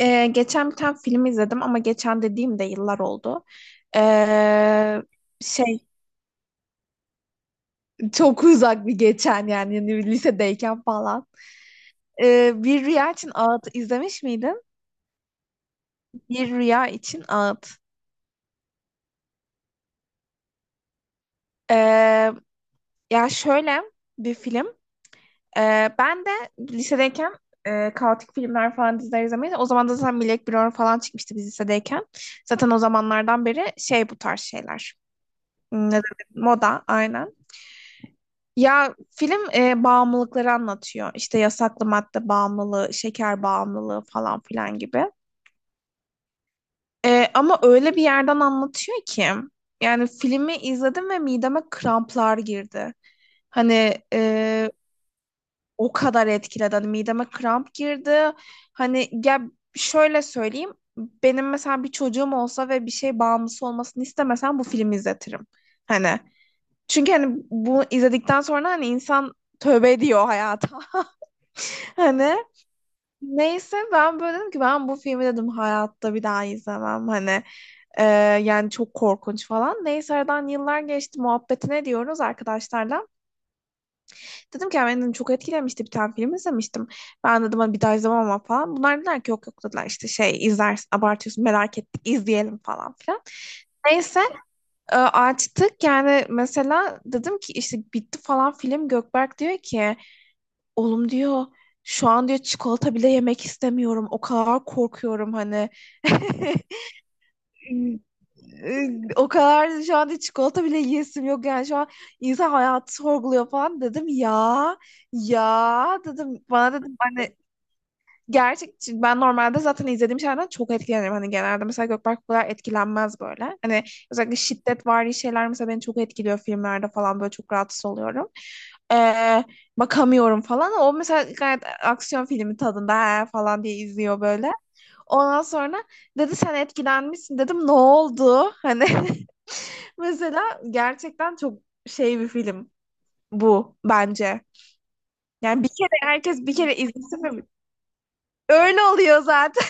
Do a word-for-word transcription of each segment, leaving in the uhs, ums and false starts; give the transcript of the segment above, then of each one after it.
Ee, geçen bir tane film izledim ama geçen dediğim de yıllar oldu. Ee, şey Çok uzak bir geçen yani, yani lisedeyken falan. Ee, Bir Rüya için Ağıt izlemiş miydin? Bir Rüya için Ağıt. Ee, Ya şöyle bir film. Ee, ben de lisedeyken e, kaotik filmler falan diziler izlemeyi. O zaman da zaten Black Mirror falan çıkmıştı biz lisedeyken. Zaten o zamanlardan beri şey bu tarz şeyler. Hmm, ne dedim? Moda aynen. Ya film e, bağımlılıkları anlatıyor. İşte yasaklı madde bağımlılığı, şeker bağımlılığı falan filan gibi. E, ama öyle bir yerden anlatıyor ki yani filmi izledim ve mideme kramplar girdi. Hani e, o kadar etkiledi. Hani mideme kramp girdi. Hani ya şöyle söyleyeyim. Benim mesela bir çocuğum olsa ve bir şey bağımlısı olmasını istemesem bu filmi izletirim. Hani çünkü hani bunu izledikten sonra hani insan tövbe ediyor hayata. Hani neyse ben böyle dedim ki ben bu filmi dedim hayatta bir daha izlemem hani e, yani çok korkunç falan. Neyse aradan yıllar geçti muhabbetine diyoruz arkadaşlarla. Dedim ki "Ya beni dedim, çok etkilemişti bir tane film izlemiştim. Ben dedim hani bir daha izlemem ama falan." Bunlar dediler ki yok yok dediler işte şey izlersin abartıyorsun merak ettik izleyelim falan filan. Neyse e, açtık yani mesela dedim ki işte bitti falan film. Gökberk diyor ki "Oğlum diyor şu an diyor çikolata bile yemek istemiyorum. O kadar korkuyorum hani." Ee, O kadar şu an diyor, çikolata bile yiyesim yok yani şu an insan hayatı sorguluyor falan dedim ya. Ya dedim bana dedim gerçek, ben normalde zaten izlediğim şeylerden çok etkilenirim. Hani genelde mesela Gökberk bu kadar etkilenmez böyle. Hani özellikle şiddetvari şeyler mesela beni çok etkiliyor filmlerde falan böyle çok rahatsız oluyorum. Ee, Bakamıyorum falan. O mesela gayet aksiyon filmi tadında "He" falan diye izliyor böyle. Ondan sonra dedi sen etkilenmişsin, dedim ne oldu? Hani mesela gerçekten çok şey bir film bu bence. Yani bir kere herkes bir kere izlesin. Ve- Öyle oluyor zaten.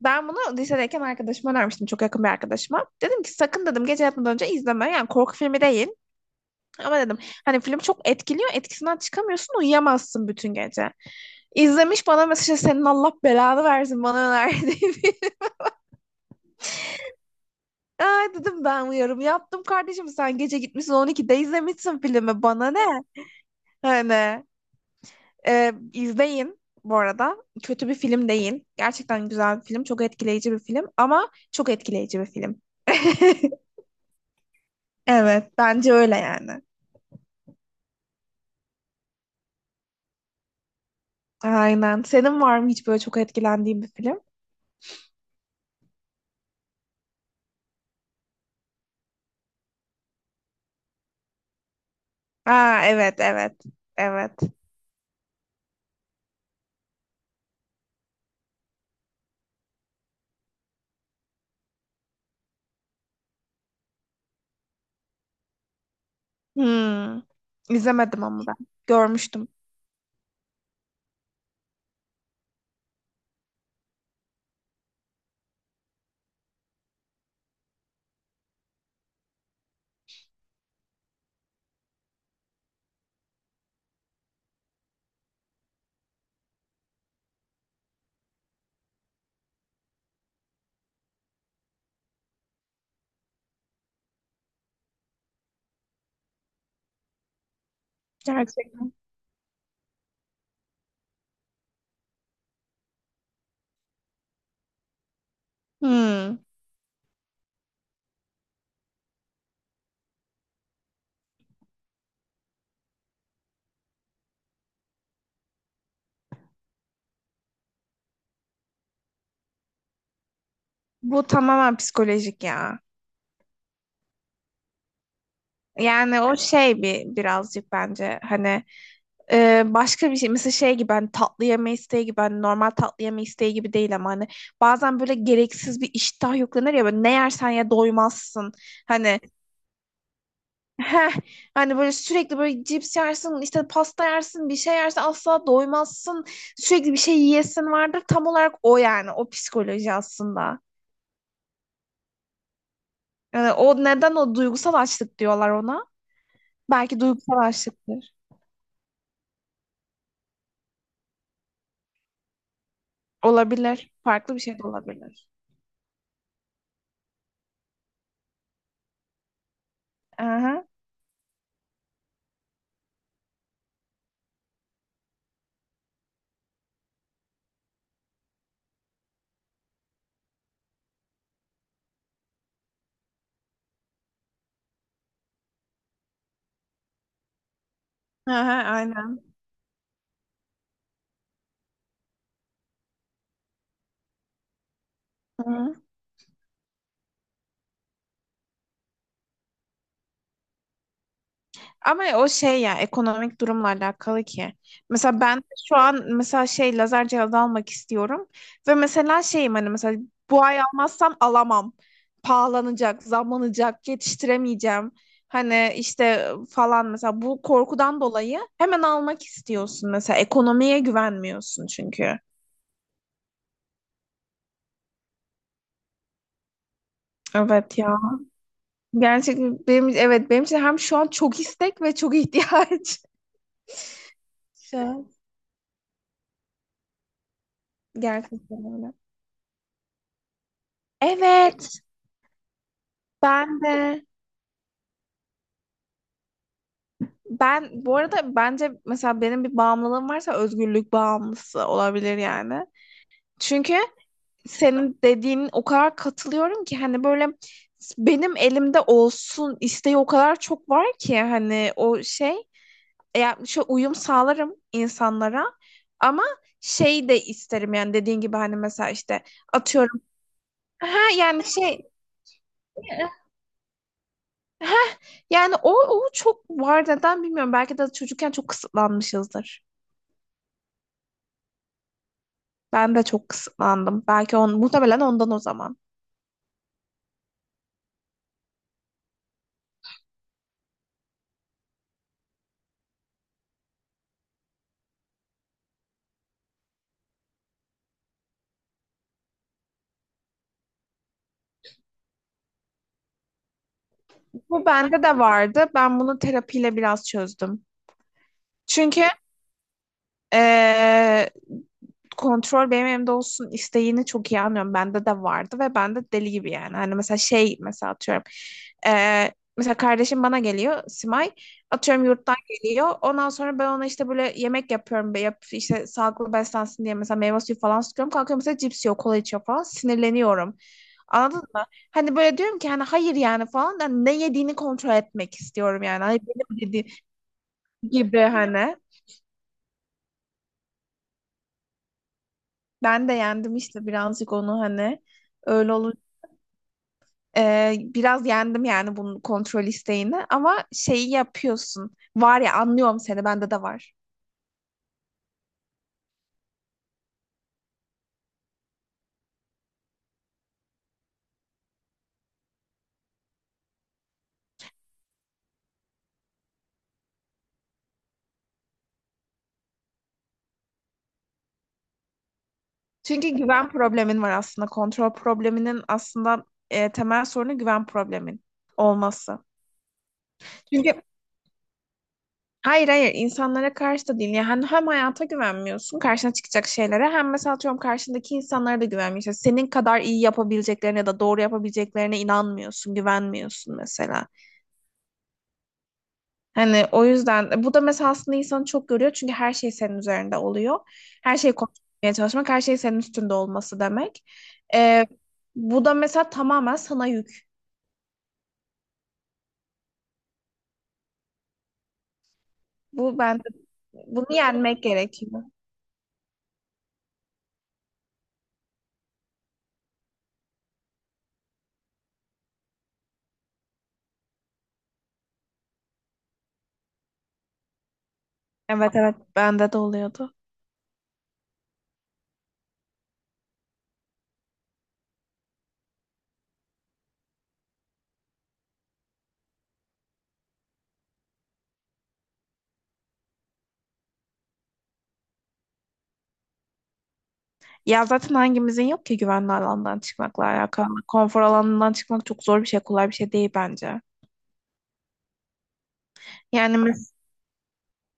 Ben bunu lisedeyken arkadaşıma önermiştim. Çok yakın bir arkadaşıma. Dedim ki sakın dedim gece yatmadan önce izleme. Yani korku filmi değil. Ama dedim hani film çok etkiliyor. Etkisinden çıkamıyorsun. Uyuyamazsın bütün gece. İzlemiş bana mesaj, senin Allah belanı versin bana önerdiği. Ay dedim ben uyarım yaptım kardeşim. Sen gece gitmişsin on ikide izlemişsin filmi. Bana ne? Hani e, izleyin bu arada. Kötü bir film değil. Gerçekten güzel bir film. Çok etkileyici bir film. Ama çok etkileyici bir film. Evet, bence öyle yani. Aynen. Senin var mı hiç böyle çok etkilendiğin bir film? Aa, evet, evet, evet. Hmm. İzlemedim ama ben. Görmüştüm. Gerçekten. Hmm. Bu tamamen psikolojik ya. Yani o şey bir birazcık bence hani e, başka bir şey mesela şey gibi hani tatlı yeme isteği gibi hani normal tatlı yeme isteği gibi değil ama hani bazen böyle gereksiz bir iştah yüklenir ya böyle ne yersen ya doymazsın hani heh, hani böyle sürekli böyle cips yersin işte pasta yersin bir şey yersin asla doymazsın sürekli bir şey yiyesin vardır tam olarak o yani o psikoloji aslında yani o neden o duygusal açlık diyorlar ona, belki duygusal açlıktır. Olabilir. Farklı bir şey de olabilir. Aha. Aha, aynen. Hı. Ama o şey ya ekonomik durumla alakalı ki. Mesela ben şu an mesela şey lazer cihazı almak istiyorum ve mesela şeyim hani mesela bu ay almazsam alamam. Pahalanacak, zamlanacak, yetiştiremeyeceğim. Hani işte falan mesela bu korkudan dolayı hemen almak istiyorsun mesela ekonomiye güvenmiyorsun çünkü. Evet ya. Gerçekten benim evet benim için hem şu an çok istek ve çok ihtiyaç. Şu an gerçekten öyle. Evet, ben de, ben bu arada bence mesela benim bir bağımlılığım varsa özgürlük bağımlısı olabilir yani. Çünkü senin dediğin o kadar katılıyorum ki hani böyle benim elimde olsun isteği o kadar çok var ki hani o şey yani şu uyum sağlarım insanlara ama şey de isterim yani dediğin gibi hani mesela işte atıyorum ha yani şey ha yani o, o çok var neden bilmiyorum belki de çocukken çok kısıtlanmışızdır. Ben de çok kısıtlandım. Belki on, muhtemelen ondan o zaman. Bu bende de vardı. Ben bunu terapiyle biraz çözdüm. Çünkü Ee, kontrol benim elimde olsun isteğini çok iyi anlıyorum. Bende de vardı ve ben de deli gibi yani. Hani mesela şey mesela atıyorum. eee, mesela kardeşim bana geliyor Simay. Atıyorum yurttan geliyor. Ondan sonra ben ona işte böyle yemek yapıyorum. Be- Yap, işte sağlıklı beslensin diye mesela meyve suyu falan sıkıyorum. Kalkıyor mesela cips yiyor, kola içiyor falan. Sinirleniyorum. Anladın mı? Hani böyle diyorum ki hani hayır yani falan. Da ne yediğini kontrol etmek istiyorum yani. Hani benim dediğim gibi hani. Ben de yendim işte birazcık onu hani öyle olur. Ee, biraz yendim yani bunun kontrol isteğini ama şeyi yapıyorsun. Var ya anlıyorum seni bende de var. Çünkü güven problemin var aslında. Kontrol probleminin aslında e, temel sorunu güven problemin olması. Çünkü hayır hayır insanlara karşı da değil. Yani hem hayata güvenmiyorsun karşına çıkacak şeylere hem mesela atıyorum karşındaki insanlara da güvenmiyorsun. Senin kadar iyi yapabileceklerine ya da doğru yapabileceklerine inanmıyorsun, güvenmiyorsun mesela. Hani o yüzden bu da mesela aslında insanı çok görüyor çünkü her şey senin üzerinde oluyor. Her şeyi konuşmaya çalışmak, her şey senin üstünde olması demek. Ee, Bu da mesela tamamen sana yük. Bu ben bunu yenmek gerekiyor. Evet evet bende de oluyordu. Ya zaten hangimizin yok ki güvenli alandan çıkmakla alakalı. Konfor alanından çıkmak çok zor bir şey, kolay bir şey değil bence. Yani mes-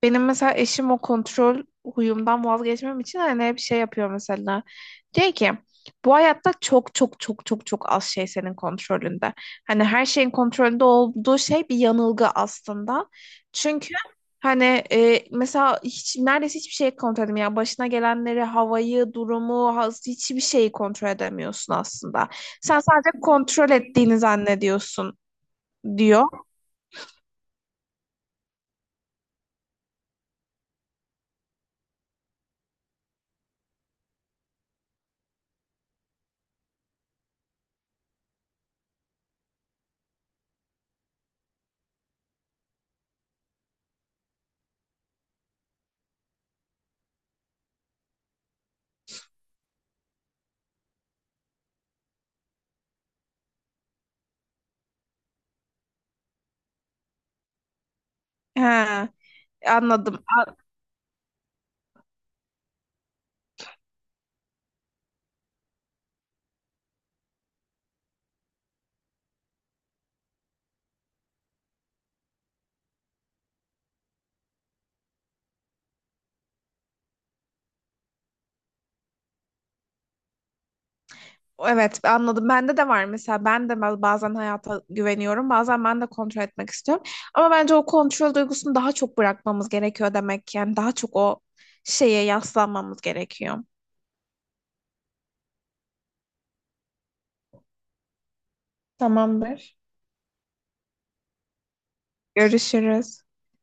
Benim mesela eşim o kontrol huyumdan vazgeçmem için hani hep şey yapıyor mesela. Diyor ki bu hayatta çok çok çok çok çok az şey senin kontrolünde. Hani her şeyin kontrolünde olduğu şey bir yanılgı aslında. Çünkü hani e, mesela hiç neredeyse hiçbir şey kontrol edemiyorsun. Yani başına gelenleri, havayı, durumu, ha- hiçbir şeyi kontrol edemiyorsun aslında. Sen sadece kontrol ettiğini zannediyorsun diyor. He, anladım. Evet anladım. Bende de var mesela. Ben de ba- bazen hayata güveniyorum. Bazen ben de kontrol etmek istiyorum. Ama bence o kontrol duygusunu daha çok bırakmamız gerekiyor demek ki. Yani daha çok o şeye yaslanmamız gerekiyor. Tamamdır. Görüşürüz.